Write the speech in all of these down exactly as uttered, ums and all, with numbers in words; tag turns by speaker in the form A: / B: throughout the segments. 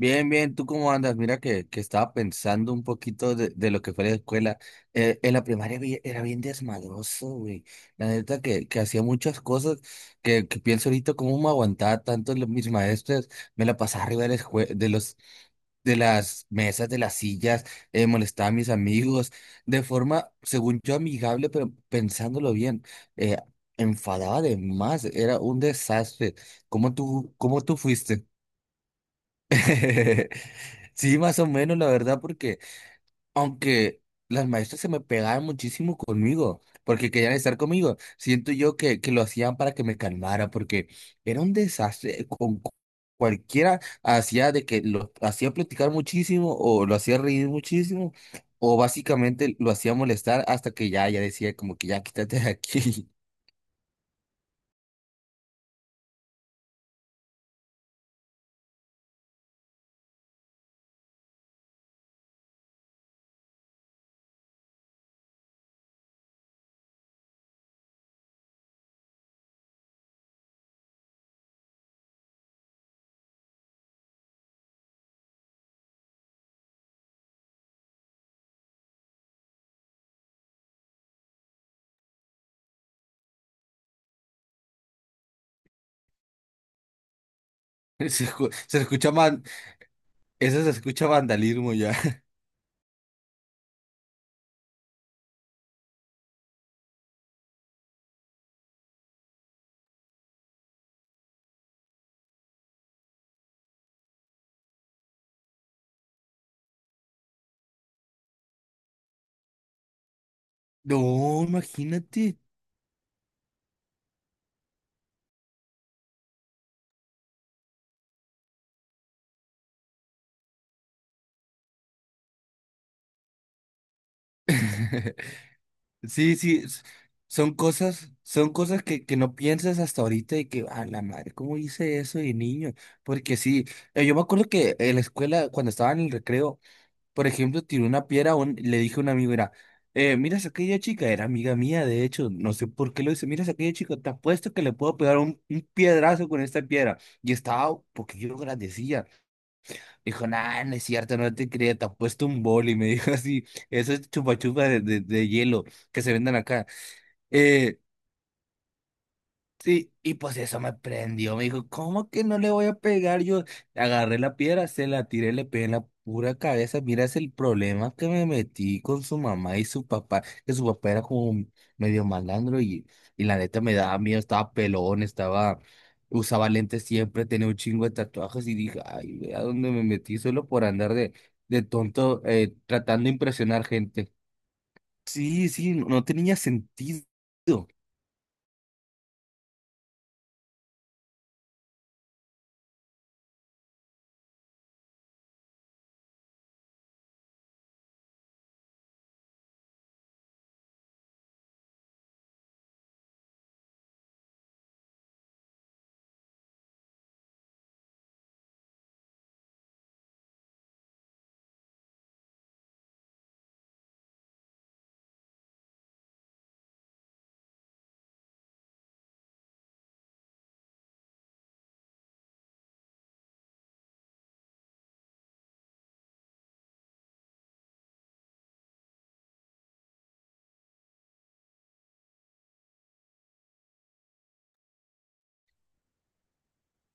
A: Bien, bien, ¿tú cómo andas? Mira que, que estaba pensando un poquito de, de lo que fue la escuela. Eh, en la primaria vi- era bien desmadroso, güey. La neta que, que hacía muchas cosas que, que pienso ahorita cómo me aguantaba tanto los, mis maestros. Me la pasaba arriba de, la escue- de, los, de las mesas, de las sillas, eh, molestaba a mis amigos de forma, según yo, amigable, pero pensándolo bien, eh, enfadaba de más. Era un desastre. ¿Cómo tú, cómo tú fuiste? Sí, más o menos, la verdad, porque aunque las maestras se me pegaban muchísimo conmigo, porque querían estar conmigo, siento yo que, que lo hacían para que me calmara, porque era un desastre. Con cu- cualquiera hacía de que lo hacía platicar muchísimo, o lo hacía reír muchísimo, o básicamente lo hacía molestar hasta que ya, ya decía como que ya quítate de aquí. Se, escu- se escucha man, eso se escucha vandalismo ya. No, imagínate. Sí, sí, s- son cosas, son cosas que, que no piensas hasta ahorita y que, a la madre, ¿cómo hice eso de niño? Porque sí, eh, yo me acuerdo que en la escuela, cuando estaba en el recreo, por ejemplo, tiré una piedra, a un- le dije a un amigo, mira, eh, miras a aquella chica, era amiga mía, de hecho, no sé por qué lo hice, miras a aquella chica, te apuesto que le puedo pegar un, un piedrazo con esta piedra. Y estaba, porque yo lo agradecía, dijo, nah, no es cierto, no te creía, te apuesto un boli, me dijo así, eso es chupa chupa de, de de hielo que se vendan acá. Eh, sí, y pues eso me prendió. Me dijo, ¿cómo que no le voy a pegar? Yo agarré la piedra, se la tiré, le pegué en la pura cabeza. Mira, es el problema que me metí con su mamá y su papá, que su papá era como un medio malandro y, y la neta me daba miedo, estaba pelón, estaba, usaba lentes siempre, tenía un chingo de tatuajes y dije, ay, vea dónde me metí solo por andar de, de tonto, eh, tratando de impresionar gente. Sí, sí, no no tenía sentido.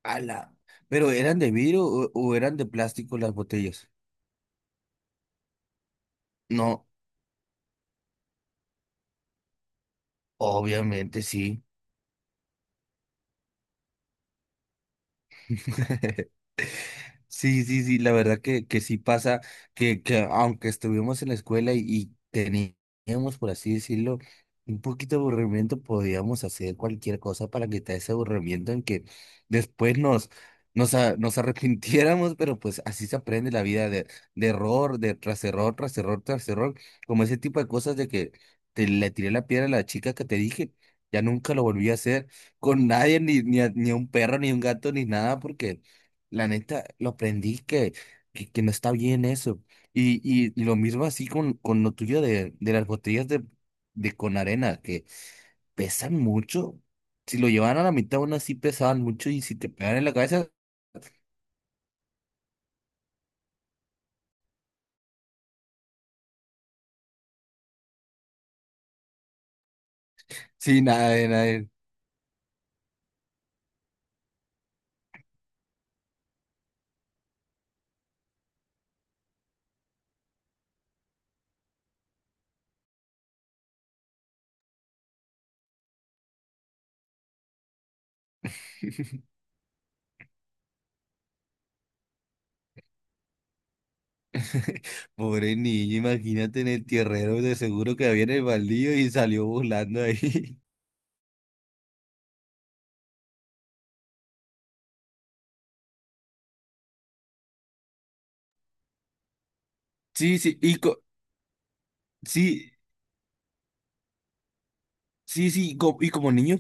A: Ala. ¿Pero eran de vidrio o, o eran de plástico las botellas? No, obviamente sí. Sí, sí, sí, la verdad que, que sí pasa, que, que aunque estuvimos en la escuela y, y teníamos, por así decirlo, un poquito de aburrimiento, podíamos hacer cualquier cosa para quitar ese aburrimiento en que después nos, nos, a- nos arrepintiéramos, pero pues así se aprende la vida de, de error, de tras error, tras error, tras error, como ese tipo de cosas de que te le tiré la piedra a la chica que te dije, ya nunca lo volví a hacer con nadie, ni, ni a, ni a un perro, ni a un gato, ni nada, porque... La neta, lo aprendí que, que, que no está bien eso. Y, y, y lo mismo así con, con lo tuyo de, de las botellas de, de con arena, que pesan mucho. Si lo llevaban a la mitad, aún así pesaban mucho y si te pegan en la cabeza, sí, nada, de nada. de- Pobre niño, imagínate en el tierrero, de seguro que había en el baldío y salió volando ahí. Sí, sí, y co- sí, sí, sí, y co- y como niño.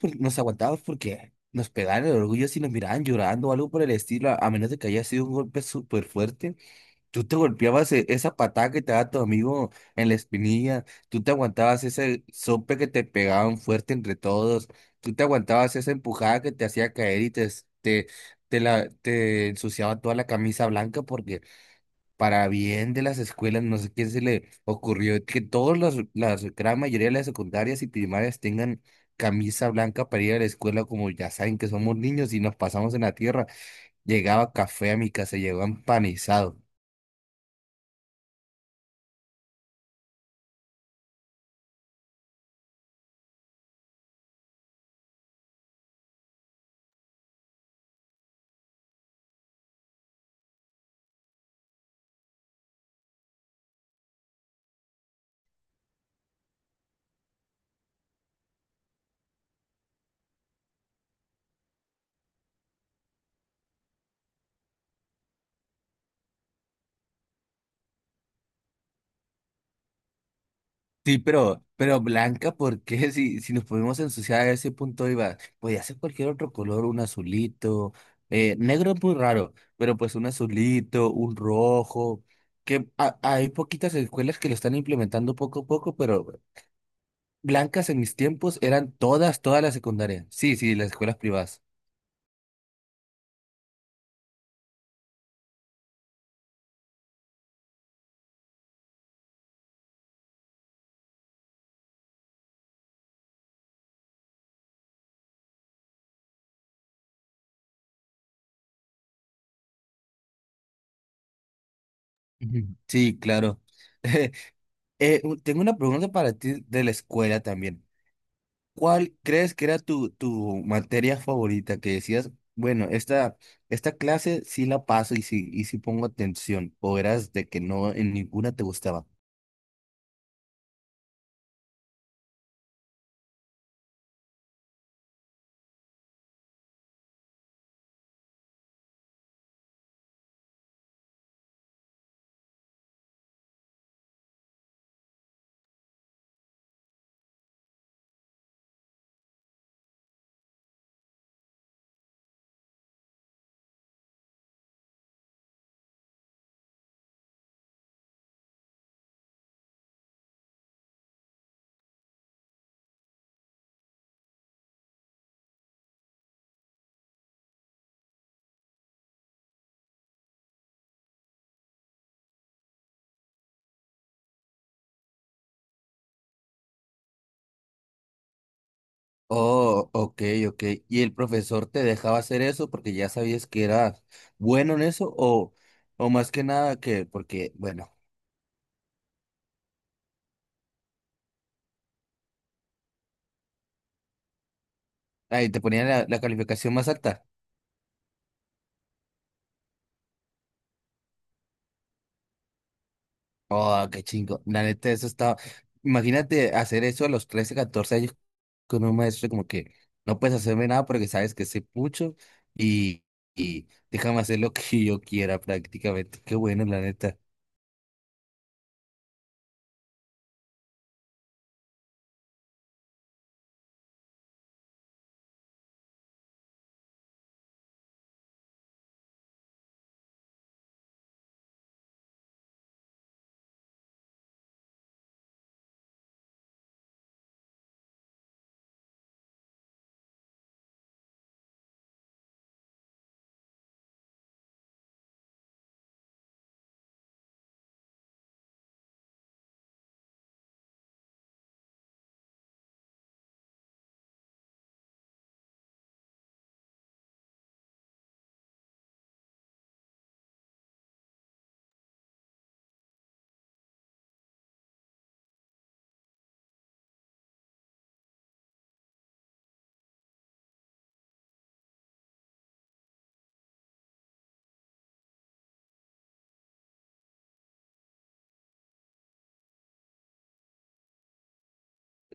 A: por- Nos aguantábamos porque nos pegaban el orgullo si nos miraban llorando o algo por el estilo, a a menos de que haya sido un golpe súper fuerte. Tú te golpeabas e- esa patada que te daba tu amigo en la espinilla, tú te aguantabas ese sope que te pegaban fuerte entre todos, tú te aguantabas esa empujada que te hacía caer y te, es- te, te, la, te ensuciaba toda la camisa blanca porque para bien de las escuelas, no sé quién se le ocurrió que todas las, las gran mayoría de las secundarias y primarias tengan camisa blanca para ir a la escuela, como ya saben que somos niños y nos pasamos en la tierra. Llegaba café a mi casa, llegaba empanizado. Sí, pero, pero blanca, ¿por qué? Si, si nos podemos ensuciar a ese punto, iba, podía ser cualquier otro color, un azulito, eh, negro es muy raro, pero pues un azulito, un rojo que a- hay poquitas escuelas que lo están implementando poco a poco, pero blancas en mis tiempos eran todas, todas las secundarias. Sí, sí, las escuelas privadas. Ujú. Sí, claro. Eh, u- tengo una pregunta para ti de la escuela también. ¿Cuál crees que era tu, tu materia favorita que decías, bueno, esta, esta clase sí la paso y sí, y sí pongo atención? ¿O eras de que no en ninguna te gustaba? Oh, ok, ok. ¿Y el profesor te dejaba hacer eso porque ya sabías que eras bueno en eso? ¿O, o más que nada que porque, bueno. Ahí te ponían la, la calificación más alta. Oh, qué chingo. La neta, eso estaba. Imagínate hacer eso a los trece, catorce años con un maestro, como que no puedes hacerme nada porque sabes que soy pucho y, y déjame hacer lo que yo quiera prácticamente. Qué bueno, la neta.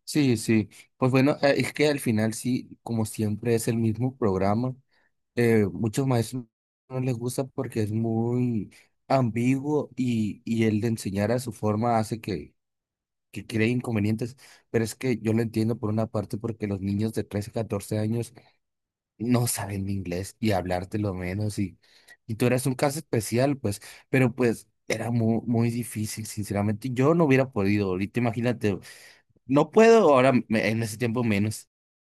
A: Sí, sí. Pues bueno, eh, es que al final sí, como siempre es el mismo programa. Eh, muchos maestros no les gusta porque es muy ambiguo y, y el de enseñar a su forma hace que que cree inconvenientes, pero es que yo lo entiendo por una parte porque los niños de trece catorce años no saben inglés y hablarte lo menos y, y tú eras un caso especial, pues, pero pues era muy, muy difícil, sinceramente, yo no hubiera podido, ahorita imagínate, no puedo ahora me- en ese tiempo menos.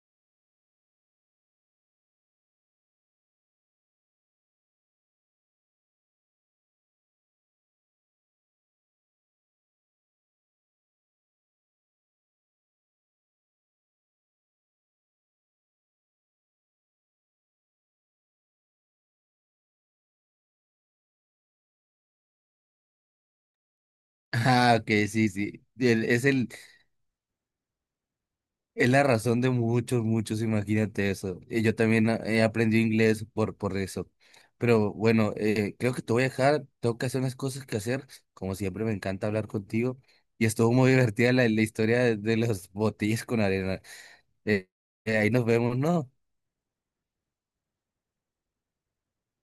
A: Ah, ok, sí, sí, el- es el. Es la razón de muchos, muchos, imagínate eso. Eh, Yo también ah, he aprendido inglés por, por eso. Pero bueno, eh, creo que te voy a dejar, tengo que hacer unas cosas que hacer. Como siempre, me encanta hablar contigo. Y estuvo muy divertida la, la historia de, de los botellas con arena. Eh, eh, ahí nos vemos, ¿no?